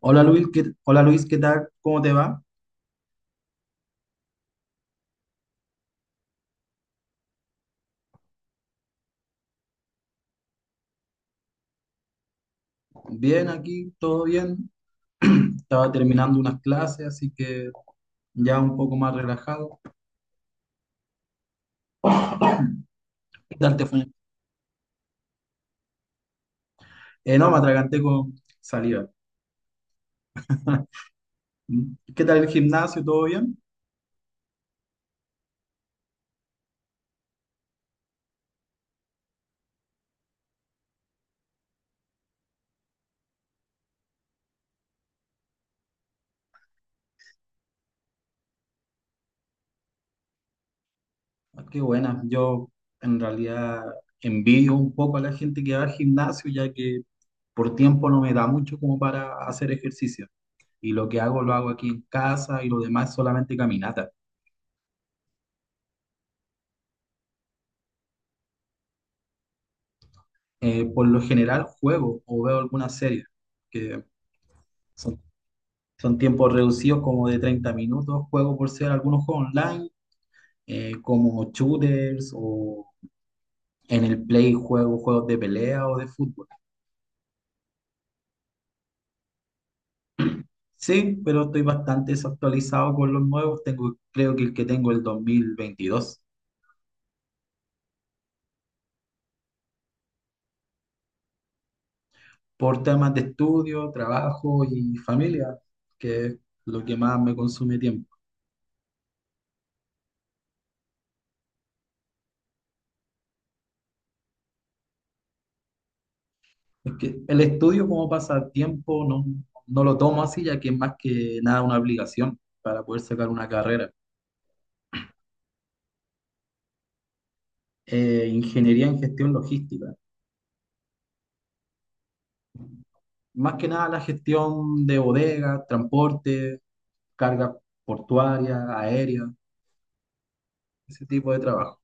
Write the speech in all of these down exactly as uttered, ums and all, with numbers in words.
Hola Luis, ¿qué, hola Luis, ¿qué tal? ¿Cómo te va? Bien aquí, todo bien. Estaba terminando unas clases, así que ya un poco más relajado. ¿Qué tal te fue? Eh, no, me atraganté con saliva. Mm. ¿Qué tal el gimnasio? ¿Todo bien? Ah, qué buena. Yo en realidad envidio un poco a la gente que va al gimnasio, ya que por tiempo no me da mucho como para hacer ejercicio. Y lo que hago lo hago aquí en casa y lo demás es solamente caminata. Eh, por lo general juego o veo alguna serie que... Son, son tiempos reducidos como de treinta minutos, juego por ser algunos juegos online, eh, como shooters o en el Play juego juegos de pelea o de fútbol. Sí, pero estoy bastante desactualizado con los nuevos. Tengo, creo que el que tengo es el dos mil veintidós, por temas de estudio, trabajo y familia, que es lo que más me consume tiempo. Es que el estudio como pasatiempo no, no lo tomo así, ya que es más que nada una obligación para poder sacar una carrera. Eh, ingeniería en gestión logística. Más que nada la gestión de bodegas, transporte, carga portuaria, aérea, ese tipo de trabajo.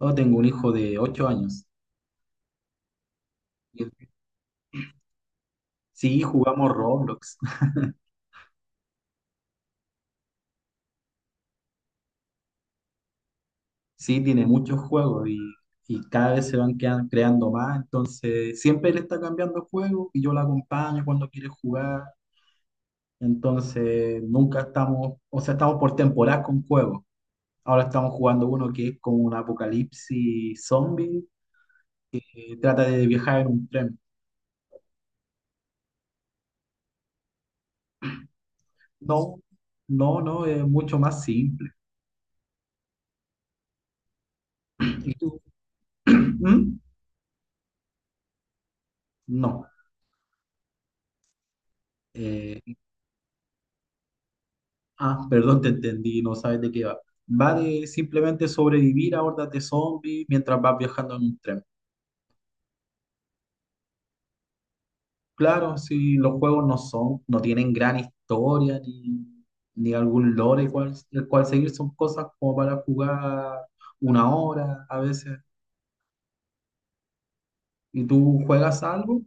Yo tengo un hijo de ocho años. y él- Sí, jugamos Roblox. Sí, tiene muchos juegos y, y cada vez se van quedan- creando más. Entonces, siempre él está cambiando el juego y yo lo acompaño cuando quiere jugar. Entonces, nunca estamos, o sea, estamos por temporada con juegos. Ahora estamos jugando uno que es como un apocalipsis zombie. Eh, trata de viajar en un tren. No, no, no, es mucho más simple. ¿Y tú? ¿Mm? No. Eh, ah, perdón, te entendí, no sabes de qué va. Va de simplemente sobrevivir a hordas de zombies mientras vas viajando en un tren. Claro, si los juegos no son, no tienen gran historia ni, ni algún lore el cual, el cual seguir, son cosas como para jugar una hora a veces. ¿Y tú juegas algo?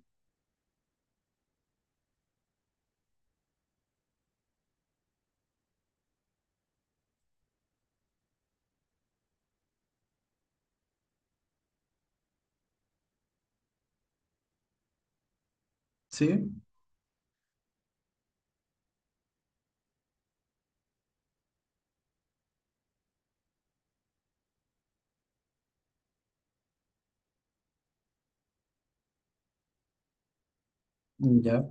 Sí, ya.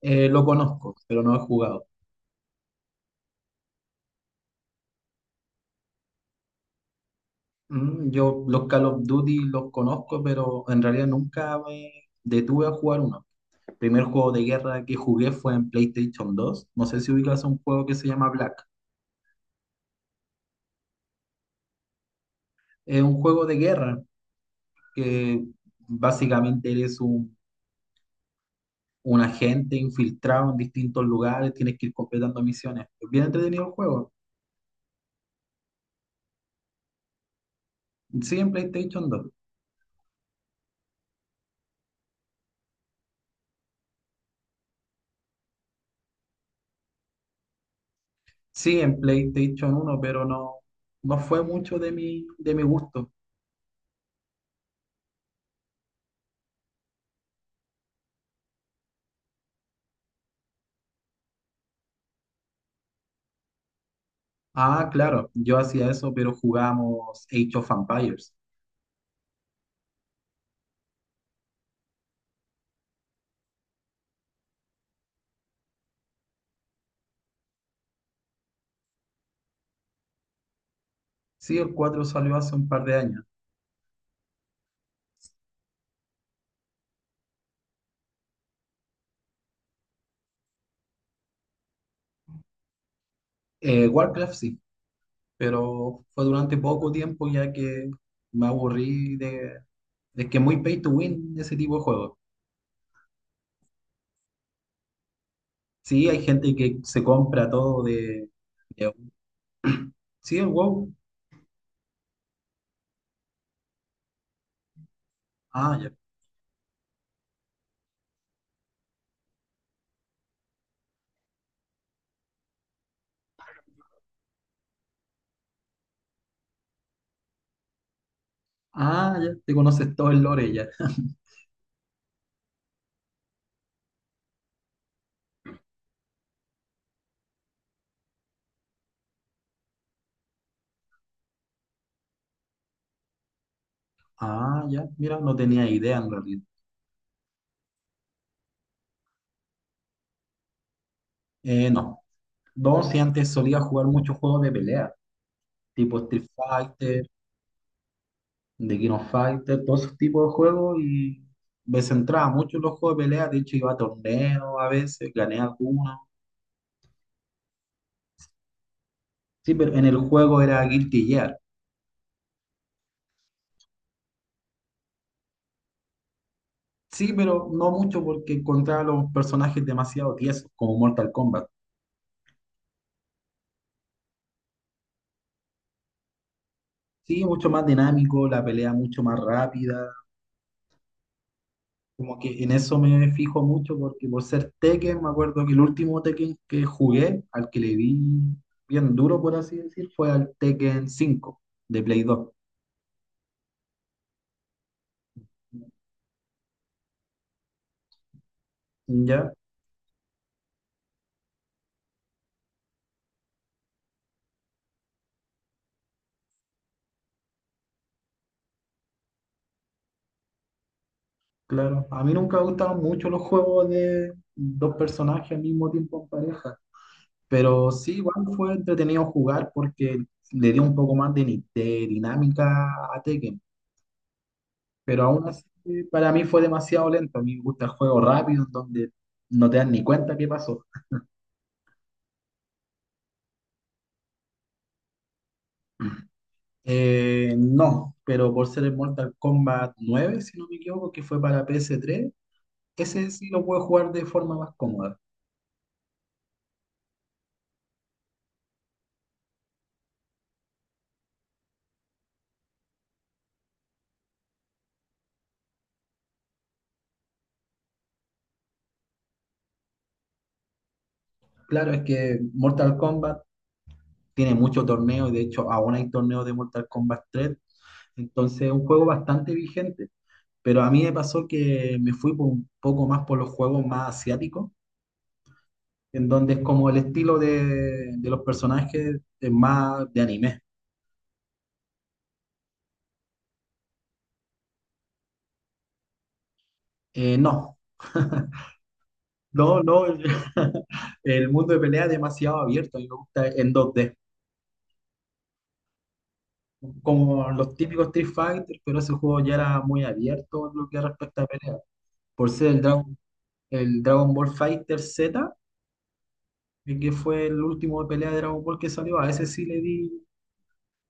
Eh, lo conozco, pero no he jugado. Mm, yo los Call of Duty los conozco, pero en realidad nunca me detuve a jugar uno. El primer juego de guerra que jugué fue en PlayStation dos. No sé si ubicas un juego que se llama Black. Es un juego de guerra que básicamente eres un, un agente infiltrado en distintos lugares, tienes que ir completando misiones. Es bien entretenido el juego. Sí, en PlayStation dos. Sí, en PlayStation uno, pero no, no fue mucho de mi, de mi gusto. Ah, claro, yo hacía eso, pero jugábamos Age of Empires. Sí, el cuatro salió hace un par de años. Eh, Warcraft sí, pero fue durante poco tiempo ya que me aburrí de, de que muy pay to win ese tipo de juegos. Sí, hay gente que se compra todo de... de- Sí, el WoW. Ah, ya. Ah, ya, te conoces todo el lore ya. Ah, ya, mira, no tenía idea en realidad. Eh, no. Dos, si antes solía jugar muchos juegos de pelea, tipo Street Fighter, de King of Fighters, todos esos tipos de juegos y me centraba mucho en los juegos de pelea, de hecho iba a torneos a veces, gané algunos. Sí, pero en el juego era Guilty Gear. Sí, pero no mucho porque encontraba los personajes demasiado tiesos, como Mortal Kombat. Sí, mucho más dinámico, la pelea mucho más rápida. Como que en eso me fijo mucho porque por ser Tekken, me acuerdo que el último Tekken que jugué, al que le vi bien duro, por así decir, fue al Tekken cinco de Play dos. ¿Ya? Claro, a mí nunca me gustaron mucho los juegos de dos personajes al mismo tiempo en pareja, pero sí, igual fue entretenido jugar porque le dio un poco más de, ni- de dinámica a Tekken, pero aún así para mí fue demasiado lento, a mí me gusta el juego rápido en donde no te das ni cuenta qué pasó. Eh, no, pero por ser el Mortal Kombat nueve, si no me equivoco, que fue para P S tres, ese sí lo puedo jugar de forma más cómoda. Claro, es que Mortal Kombat tiene muchos torneos y de hecho aún hay torneos de Mortal Kombat tres, entonces es un juego bastante vigente, pero a mí me pasó que me fui por un poco más por los juegos más asiáticos, en donde es como el estilo de, de los personajes es más de anime. Eh, no, no, no, el, el mundo de pelea es demasiado abierto, a mí me gusta en dos d como los típicos Street Fighter, pero ese juego ya era muy abierto en lo que respecta a pelea, por ser el Dragon, el Dragon Ball Fighter Z, eh, que fue el último de pelea de Dragon Ball que salió. A ese sí le di,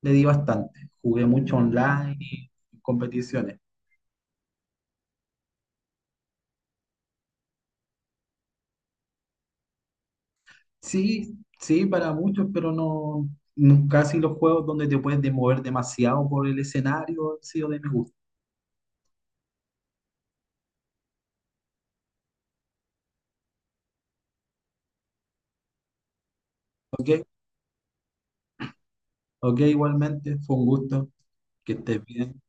le di bastante. Jugué mucho online y en competiciones. Sí, sí, para muchos, pero no, no- casi los juegos donde te puedes de- mover demasiado por el escenario han sido de mi gusto. Ok, ok, igualmente, fue un gusto que estés bien.